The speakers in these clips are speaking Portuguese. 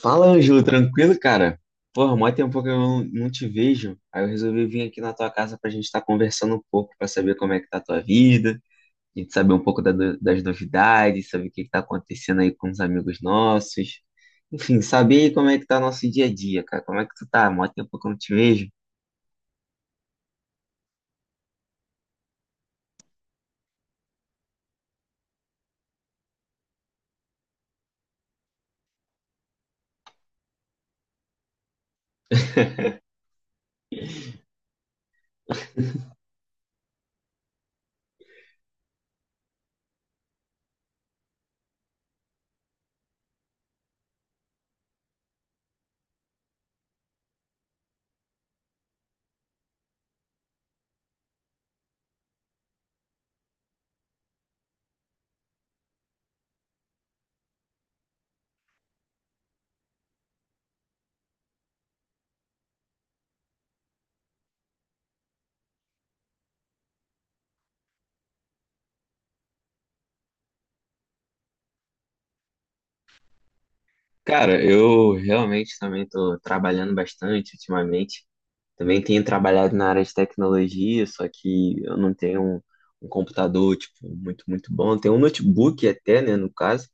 Fala, Ângelo, tranquilo, cara? Porra, mó tempo que eu não te vejo. Aí eu resolvi vir aqui na tua casa pra gente estar conversando um pouco, pra saber como é que tá a tua vida, a gente saber um pouco da no- das novidades, saber o que que tá acontecendo aí com os amigos nossos. Enfim, saber aí como é que tá nosso dia a dia, cara. Como é que tu tá? Mó tempo que eu não te vejo. Cara, eu realmente também tô trabalhando bastante ultimamente. Também tenho trabalhado na área de tecnologia, só que eu não tenho um computador, tipo, muito bom. Tenho um notebook até, né, no caso.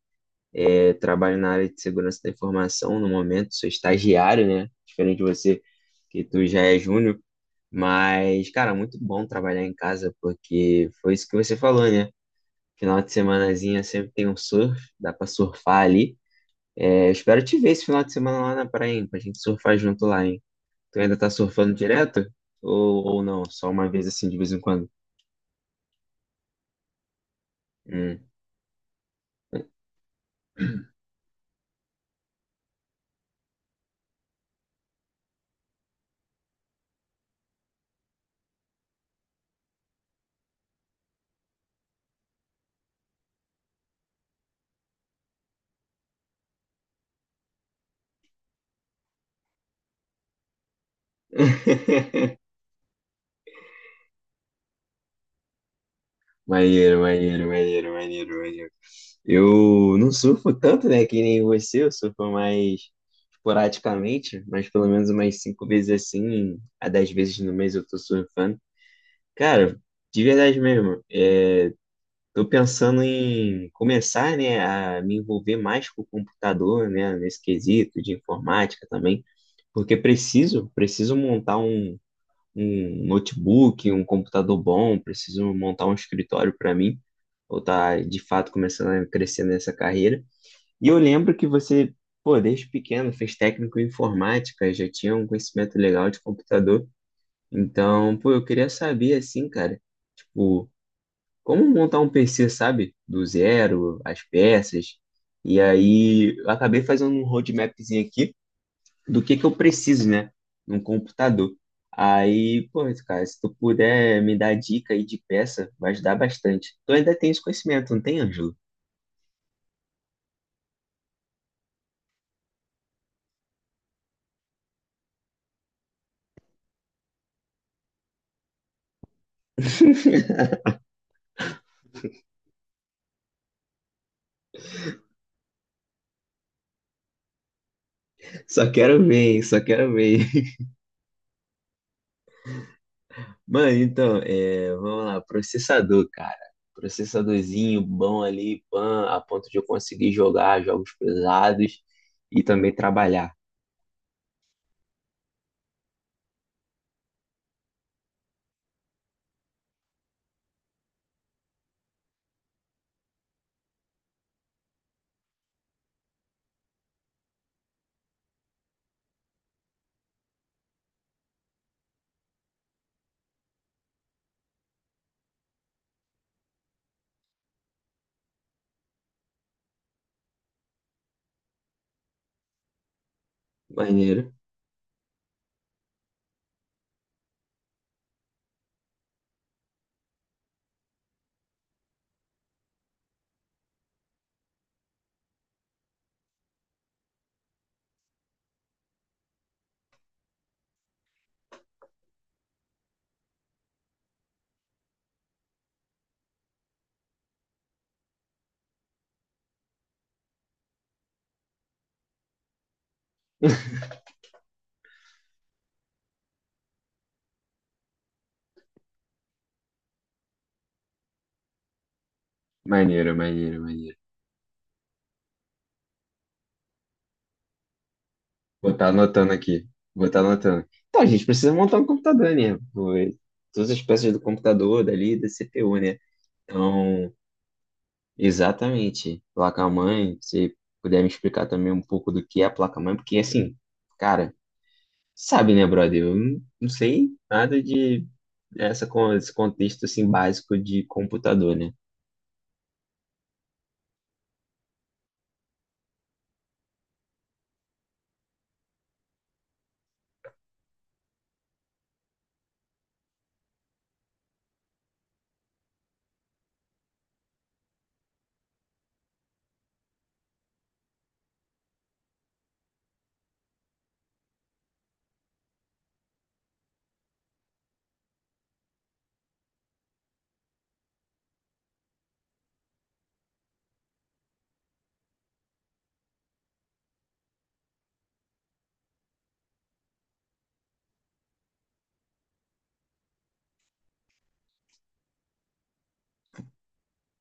É, trabalho na área de segurança da informação no momento, sou estagiário, né? Diferente de você, que tu já é júnior. Mas, cara, muito bom trabalhar em casa, porque foi isso que você falou, né? Final de semanazinha sempre tem um surf, dá pra surfar ali. É, eu espero te ver esse final de semana lá na praia, hein, pra gente surfar junto lá, hein? Tu ainda tá surfando direto? Ou não? Só uma vez assim, de vez em quando? Hum. Maneiro, maneiro, maneiro, maneiro, maneiro. Eu não surfo tanto, né? Que nem você, eu surfo mais esporadicamente, mas pelo menos umas cinco vezes assim, a dez vezes no mês eu tô surfando. Cara, de verdade mesmo, é, estou pensando em começar, né, a me envolver mais com o computador, né, nesse quesito de informática também, porque preciso montar um notebook, um computador bom, preciso montar um escritório para mim, ou tá de fato começando a crescer nessa carreira. E eu lembro que você, pô, desde pequeno fez técnico em informática, já tinha um conhecimento legal de computador. Então, pô, eu queria saber assim, cara, tipo, como montar um PC, sabe? Do zero, as peças. E aí eu acabei fazendo um roadmapzinho aqui do que eu preciso, né? Num computador. Aí, pô, cara, se tu puder me dar dica aí de peça, vai ajudar bastante. Tu ainda tem esse conhecimento, não tem, Ângelo? Só quero ver, hein? Só quero ver. Mano, então, é, vamos lá, processador, cara. Processadorzinho bom ali, pan, a ponto de eu conseguir jogar jogos pesados e também trabalhar. Maneiro. Maneiro, maneiro, maneiro. Vou estar anotando aqui. Vou estar anotando. Então, a gente precisa montar um computador, né? Pô, todas as peças do computador, dali, da CPU, né? Então, exatamente. Placa-mãe, se puder me explicar também um pouco do que é a placa-mãe, porque assim, cara, sabe, né, brother? Eu não sei nada de esse contexto assim básico de computador, né?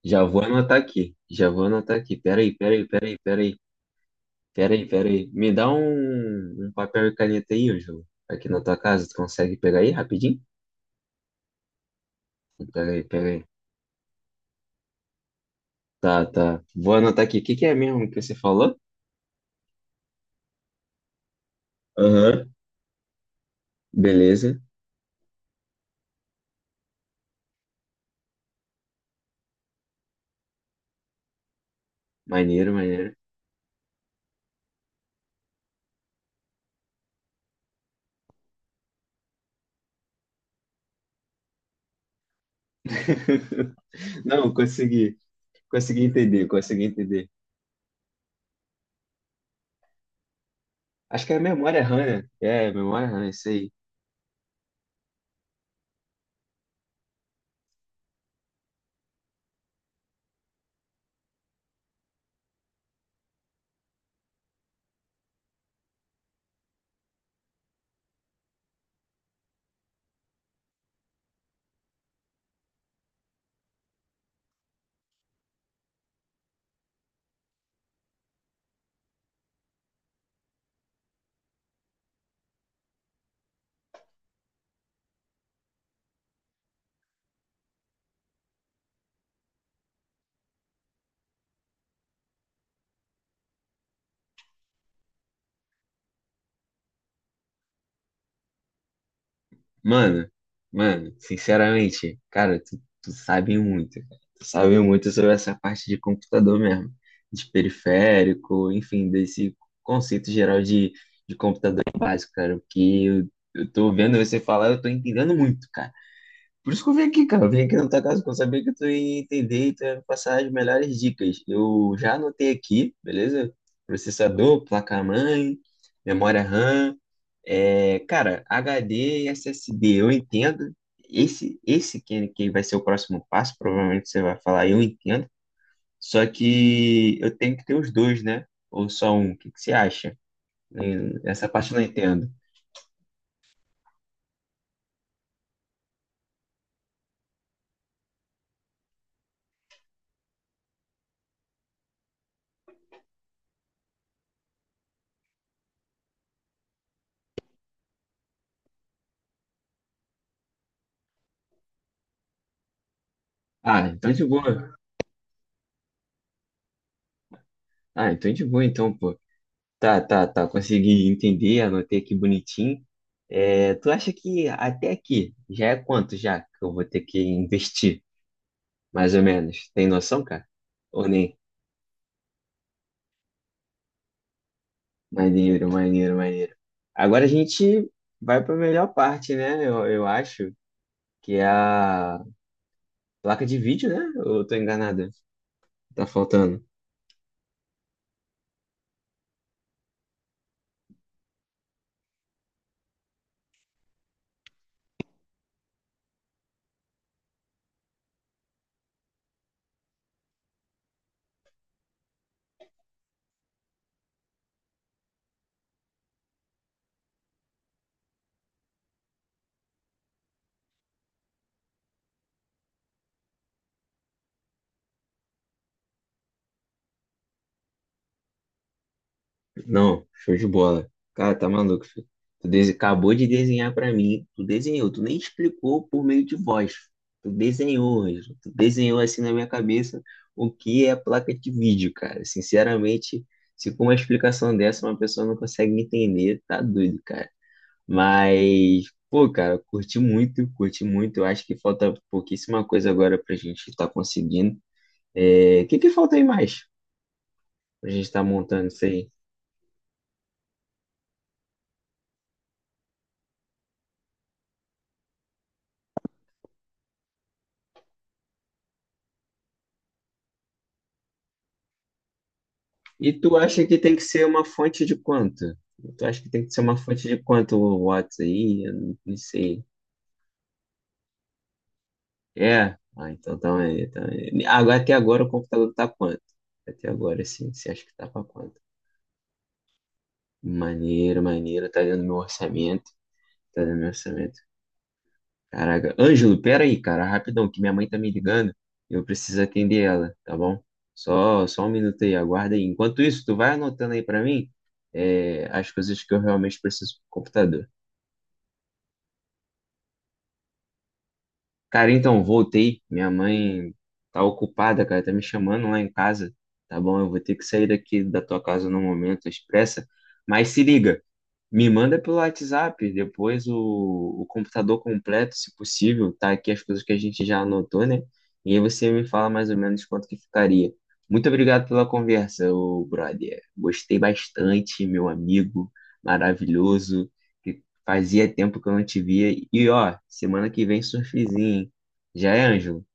Já vou anotar aqui. Já vou anotar aqui. Peraí, peraí, peraí, peraí. Peraí, peraí. Me dá um papel e caneta aí, Ângelo. Aqui na tua casa, tu consegue pegar aí rapidinho? Peraí, peraí. Tá, tá. Vou anotar aqui. O que que é mesmo que você falou? Aham. Beleza. Maneiro, maneiro. Não, consegui. Consegui entender, consegui entender. Acho que é memória RAM, né? É, memória RAM, isso aí. Mano, mano, sinceramente, cara, tu sabe muito, cara. Tu sabe muito sobre essa parte de computador mesmo, de periférico, enfim, desse conceito geral de computador básico, cara, o que eu tô vendo você falar, eu tô entendendo muito, cara. Por isso que eu vim aqui, cara, eu vim aqui na tua casa, porque eu sabia que tu ia entender e tu ia me passar as melhores dicas. Eu já anotei aqui, beleza? Processador, placa-mãe, memória RAM, é, cara, HD e SSD, eu entendo. Esse, esse que vai ser o próximo passo, provavelmente você vai falar, eu entendo. Só que eu tenho que ter os dois, né? Ou só um. O que você acha? Eh, essa parte eu não entendo. Ah, então de boa. Ah, então de boa, então, pô. Tá, tá, tá. Consegui entender, anotei aqui bonitinho. É, tu acha que até aqui já é quanto já que eu vou ter que investir, mais ou menos? Tem noção, cara? Ou nem? Maneiro, maneiro, maneiro. Agora a gente vai para a melhor parte, né? Eu acho que é a placa de vídeo, né? Ou eu tô enganado? Tá faltando. Não, show de bola. Cara, tá maluco, filho. Acabou de desenhar para mim. Tu desenhou, tu nem explicou por meio de voz. Tu desenhou, Ângelo. Tu desenhou assim na minha cabeça o que é placa de vídeo, cara. Sinceramente, se com uma explicação dessa uma pessoa não consegue entender, tá doido, cara. Mas, pô, cara, curti muito, curti muito. Eu acho que falta pouquíssima coisa agora pra gente estar conseguindo. É, o que que falta aí mais pra gente estar montando isso aí? E tu acha que tem que ser uma fonte de quanto? Tu acha que tem que ser uma fonte de quanto o Watts aí? Eu não sei. É? Ah, então tá aí, então aí. Agora, até agora o computador tá quanto? Até agora, sim. Você acha que tá pra quanto? Maneiro, maneiro. Tá dentro do meu orçamento. Tá dentro do meu orçamento. Caraca. Ângelo, pera aí, cara, rapidão, que minha mãe tá me ligando. E eu preciso atender ela, tá bom? Só um minuto aí, aguarda aí. Enquanto isso, tu vai anotando aí pra mim, é, as coisas que eu realmente preciso pro computador. Cara, então, voltei. Minha mãe tá ocupada, cara, tá me chamando lá em casa, tá bom? Eu vou ter que sair daqui da tua casa no momento, expressa. Mas se liga. Me manda pelo WhatsApp depois o computador completo, se possível, tá aqui as coisas que a gente já anotou, né? E aí você me fala mais ou menos quanto que ficaria. Muito obrigado pela conversa, ô brother. Gostei bastante, meu amigo maravilhoso, que fazia tempo que eu não te via. E ó, semana que vem surfzinho, hein? Já é, Ângelo?